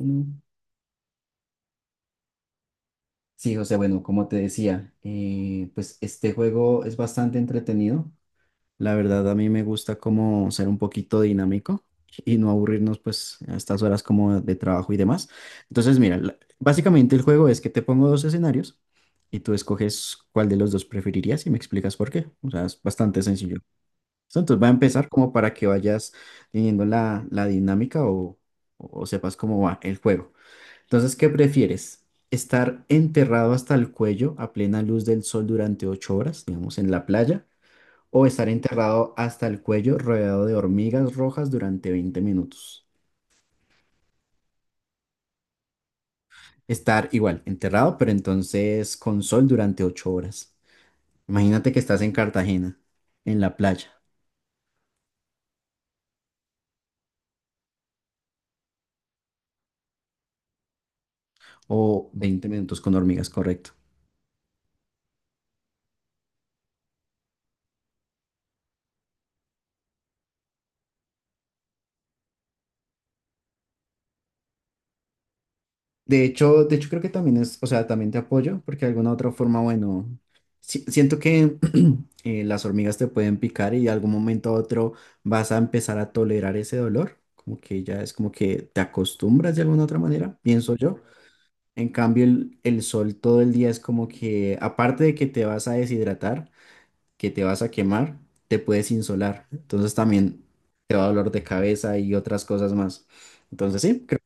Mm. Sí, José, bueno, como te decía, pues este juego es bastante entretenido. La verdad, a mí me gusta como ser un poquito dinámico y no aburrirnos pues a estas horas como de trabajo y demás. Entonces, mira, básicamente el juego es que te pongo dos escenarios y tú escoges cuál de los dos preferirías y me explicas por qué. O sea, es bastante sencillo. Entonces, va a empezar como para que vayas teniendo la dinámica o sepas cómo va el juego. Entonces, ¿qué prefieres? ¿Estar enterrado hasta el cuello a plena luz del sol durante 8 horas, digamos, en la playa? ¿O estar enterrado hasta el cuello rodeado de hormigas rojas durante 20 minutos? Estar igual, enterrado, pero entonces con sol durante 8 horas. Imagínate que estás en Cartagena, en la playa, o 20 minutos con hormigas, correcto. De hecho creo que también es, o sea, también te apoyo, porque de alguna otra forma, bueno, siento que las hormigas te pueden picar y de algún momento a otro vas a empezar a tolerar ese dolor, como que ya es como que te acostumbras de alguna otra manera, pienso yo. En cambio, el sol todo el día es como que, aparte de que te vas a deshidratar, que te vas a quemar, te puedes insolar, entonces también te va a dolor de cabeza y otras cosas más. Entonces sí. Creo.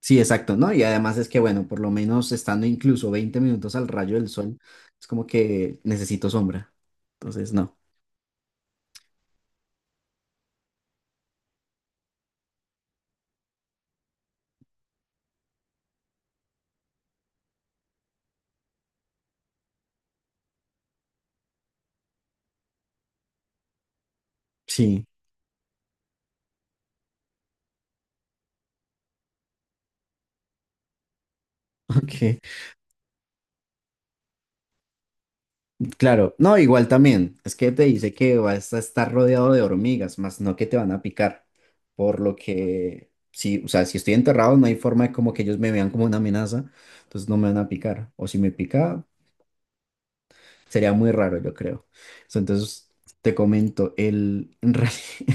Sí, exacto, ¿no? Y además es que, bueno, por lo menos estando incluso 20 minutos al rayo del sol, es como que necesito sombra. Entonces, no. Sí, ok. Claro, no, igual también. Es que te dice que vas a estar rodeado de hormigas, más no que te van a picar. Por lo que, sí, o sea, si estoy enterrado, no hay forma de como que ellos me vean como una amenaza, entonces no me van a picar. O si me pica, sería muy raro, yo creo. Entonces, te comento, en realidad,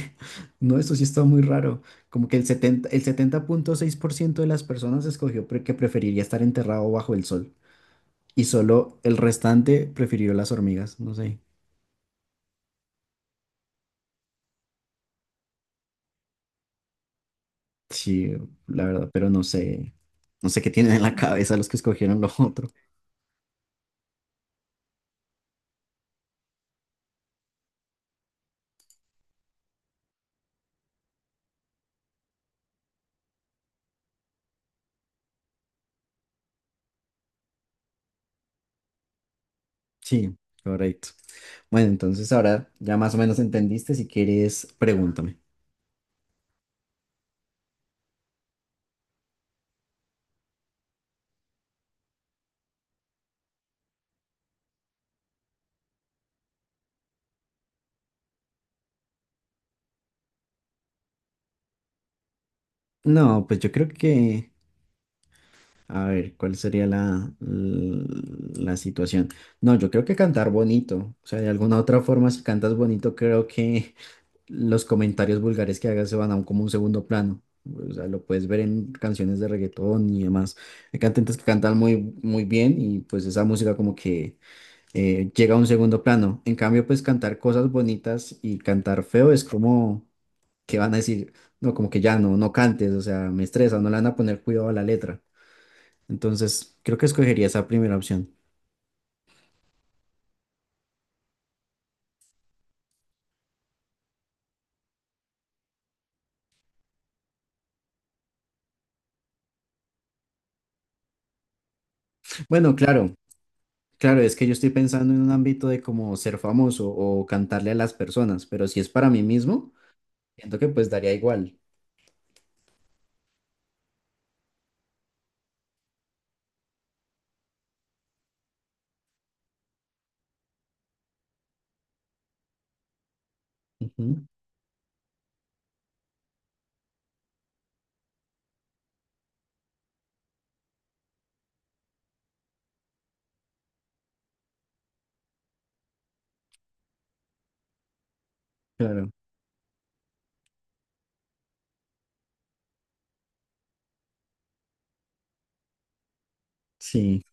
no, eso sí está muy raro. Como que el 70,6% de las personas escogió que preferiría estar enterrado bajo el sol. Y solo el restante prefirió las hormigas. No sé. Sí, la verdad, pero no sé. No sé qué tienen en la cabeza los que escogieron lo otro. Sí, correcto. Bueno, entonces ahora ya más o menos entendiste. Si quieres, pregúntame. No, pues yo creo que a ver, ¿cuál sería la situación? No, yo creo que cantar bonito. O sea, de alguna otra forma, si cantas bonito, creo que los comentarios vulgares que hagas se van a un, como un segundo plano. O sea, lo puedes ver en canciones de reggaetón y demás. Hay cantantes que cantan muy, muy bien y pues esa música como que llega a un segundo plano. En cambio, pues cantar cosas bonitas y cantar feo es como que van a decir, no, como que ya no, no cantes, o sea, me estresa, no le van a poner cuidado a la letra. Entonces, creo que escogería esa primera opción. Bueno, claro, claro, es que yo estoy pensando en un ámbito de como ser famoso o cantarle a las personas, pero si es para mí mismo, siento que pues daría igual. Ujú, claro, sí,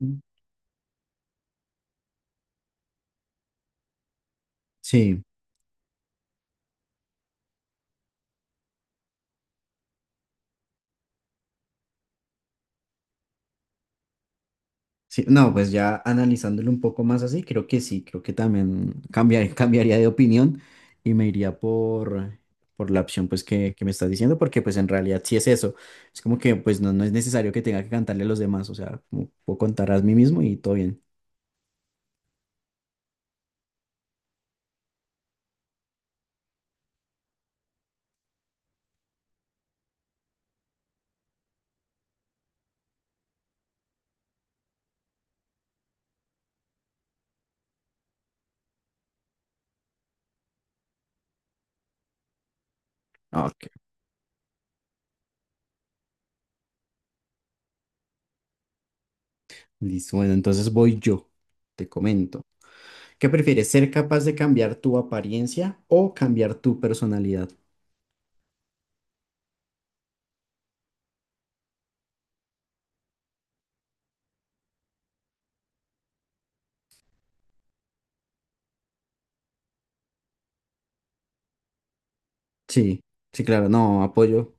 mm, sí, sí. No, pues ya analizándolo un poco más así, creo que sí, creo que también cambiar, cambiaría de opinión y me iría por la opción pues que me estás diciendo, porque pues en realidad sí es eso. Es como que pues no, no es necesario que tenga que cantarle a los demás, o sea, como puedo contar a mí mismo y todo bien. Ah, ok, listo. Bueno, entonces voy yo. Te comento. ¿Qué prefieres? ¿Ser capaz de cambiar tu apariencia o cambiar tu personalidad? Sí, sí, claro, no, apoyo.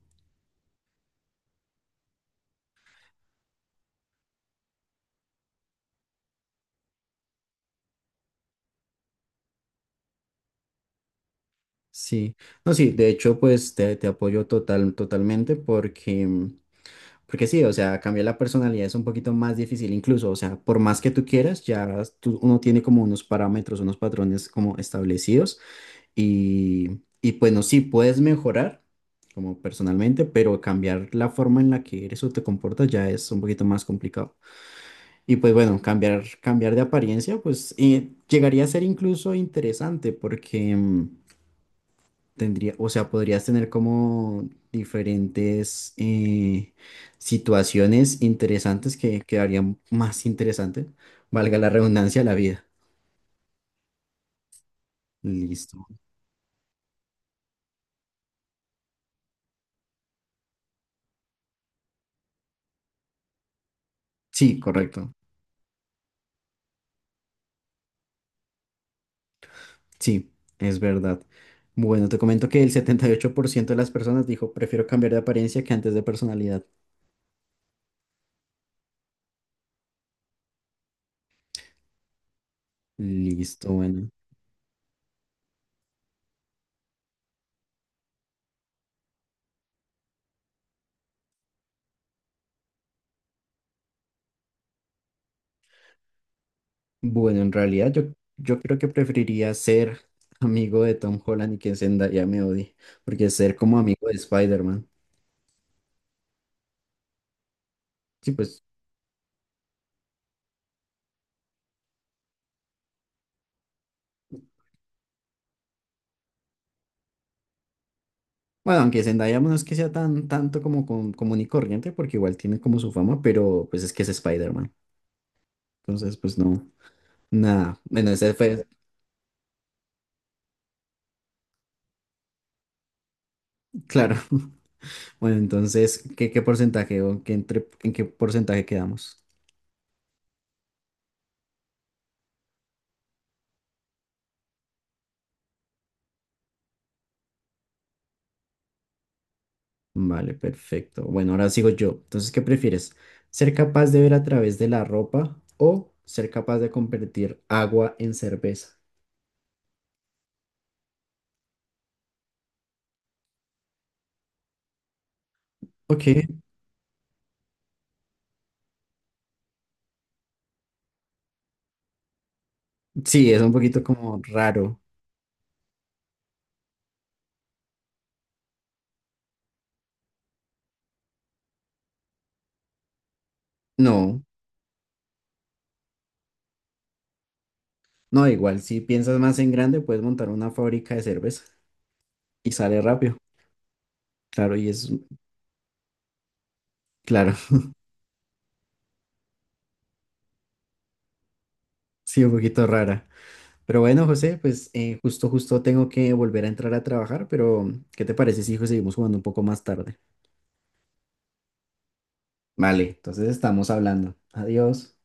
Sí, no, sí, de hecho, pues te apoyo totalmente porque, mm, porque sí, o sea, cambiar la personalidad es un poquito más difícil, incluso, o sea, por más que tú quieras, ya uno tiene como unos parámetros, unos patrones como establecidos. Y bueno, sí, puedes mejorar como personalmente, pero cambiar la forma en la que eres o te comportas ya es un poquito más complicado. Y pues bueno, cambiar de apariencia, pues llegaría a ser incluso interesante porque mm, tendría, o sea, podrías tener como diferentes situaciones interesantes que quedarían más interesantes, valga la redundancia, la vida. Listo. Sí, correcto. Sí, es verdad. Bueno, te comento que el 78% de las personas dijo, prefiero cambiar de apariencia que antes de personalidad. Listo, bueno. Bueno, en realidad yo creo que preferiría ser amigo de Tom Holland y que Zendaya me odie, porque ser como amigo de Spider-Man. Sí, pues, bueno, aunque Zendaya no es que sea tan tanto como común y corriente, porque igual tiene como su fama, pero pues es que es Spider-Man. Entonces, pues no, nada. Bueno, ese fue, claro. Bueno, entonces, ¿qué porcentaje o qué en qué porcentaje quedamos? Vale, perfecto. Bueno, ahora sigo yo. Entonces, ¿qué prefieres? ¿Ser capaz de ver a través de la ropa o ser capaz de convertir agua en cerveza? Ok, sí, es un poquito como raro. No, no, igual, si piensas más en grande, puedes montar una fábrica de cerveza y sale rápido. Claro, y es, claro, sí, un poquito rara. Pero bueno, José, pues justo, justo tengo que volver a entrar a trabajar, pero ¿qué te parece si hijo, seguimos jugando un poco más tarde? Vale, entonces estamos hablando. Adiós.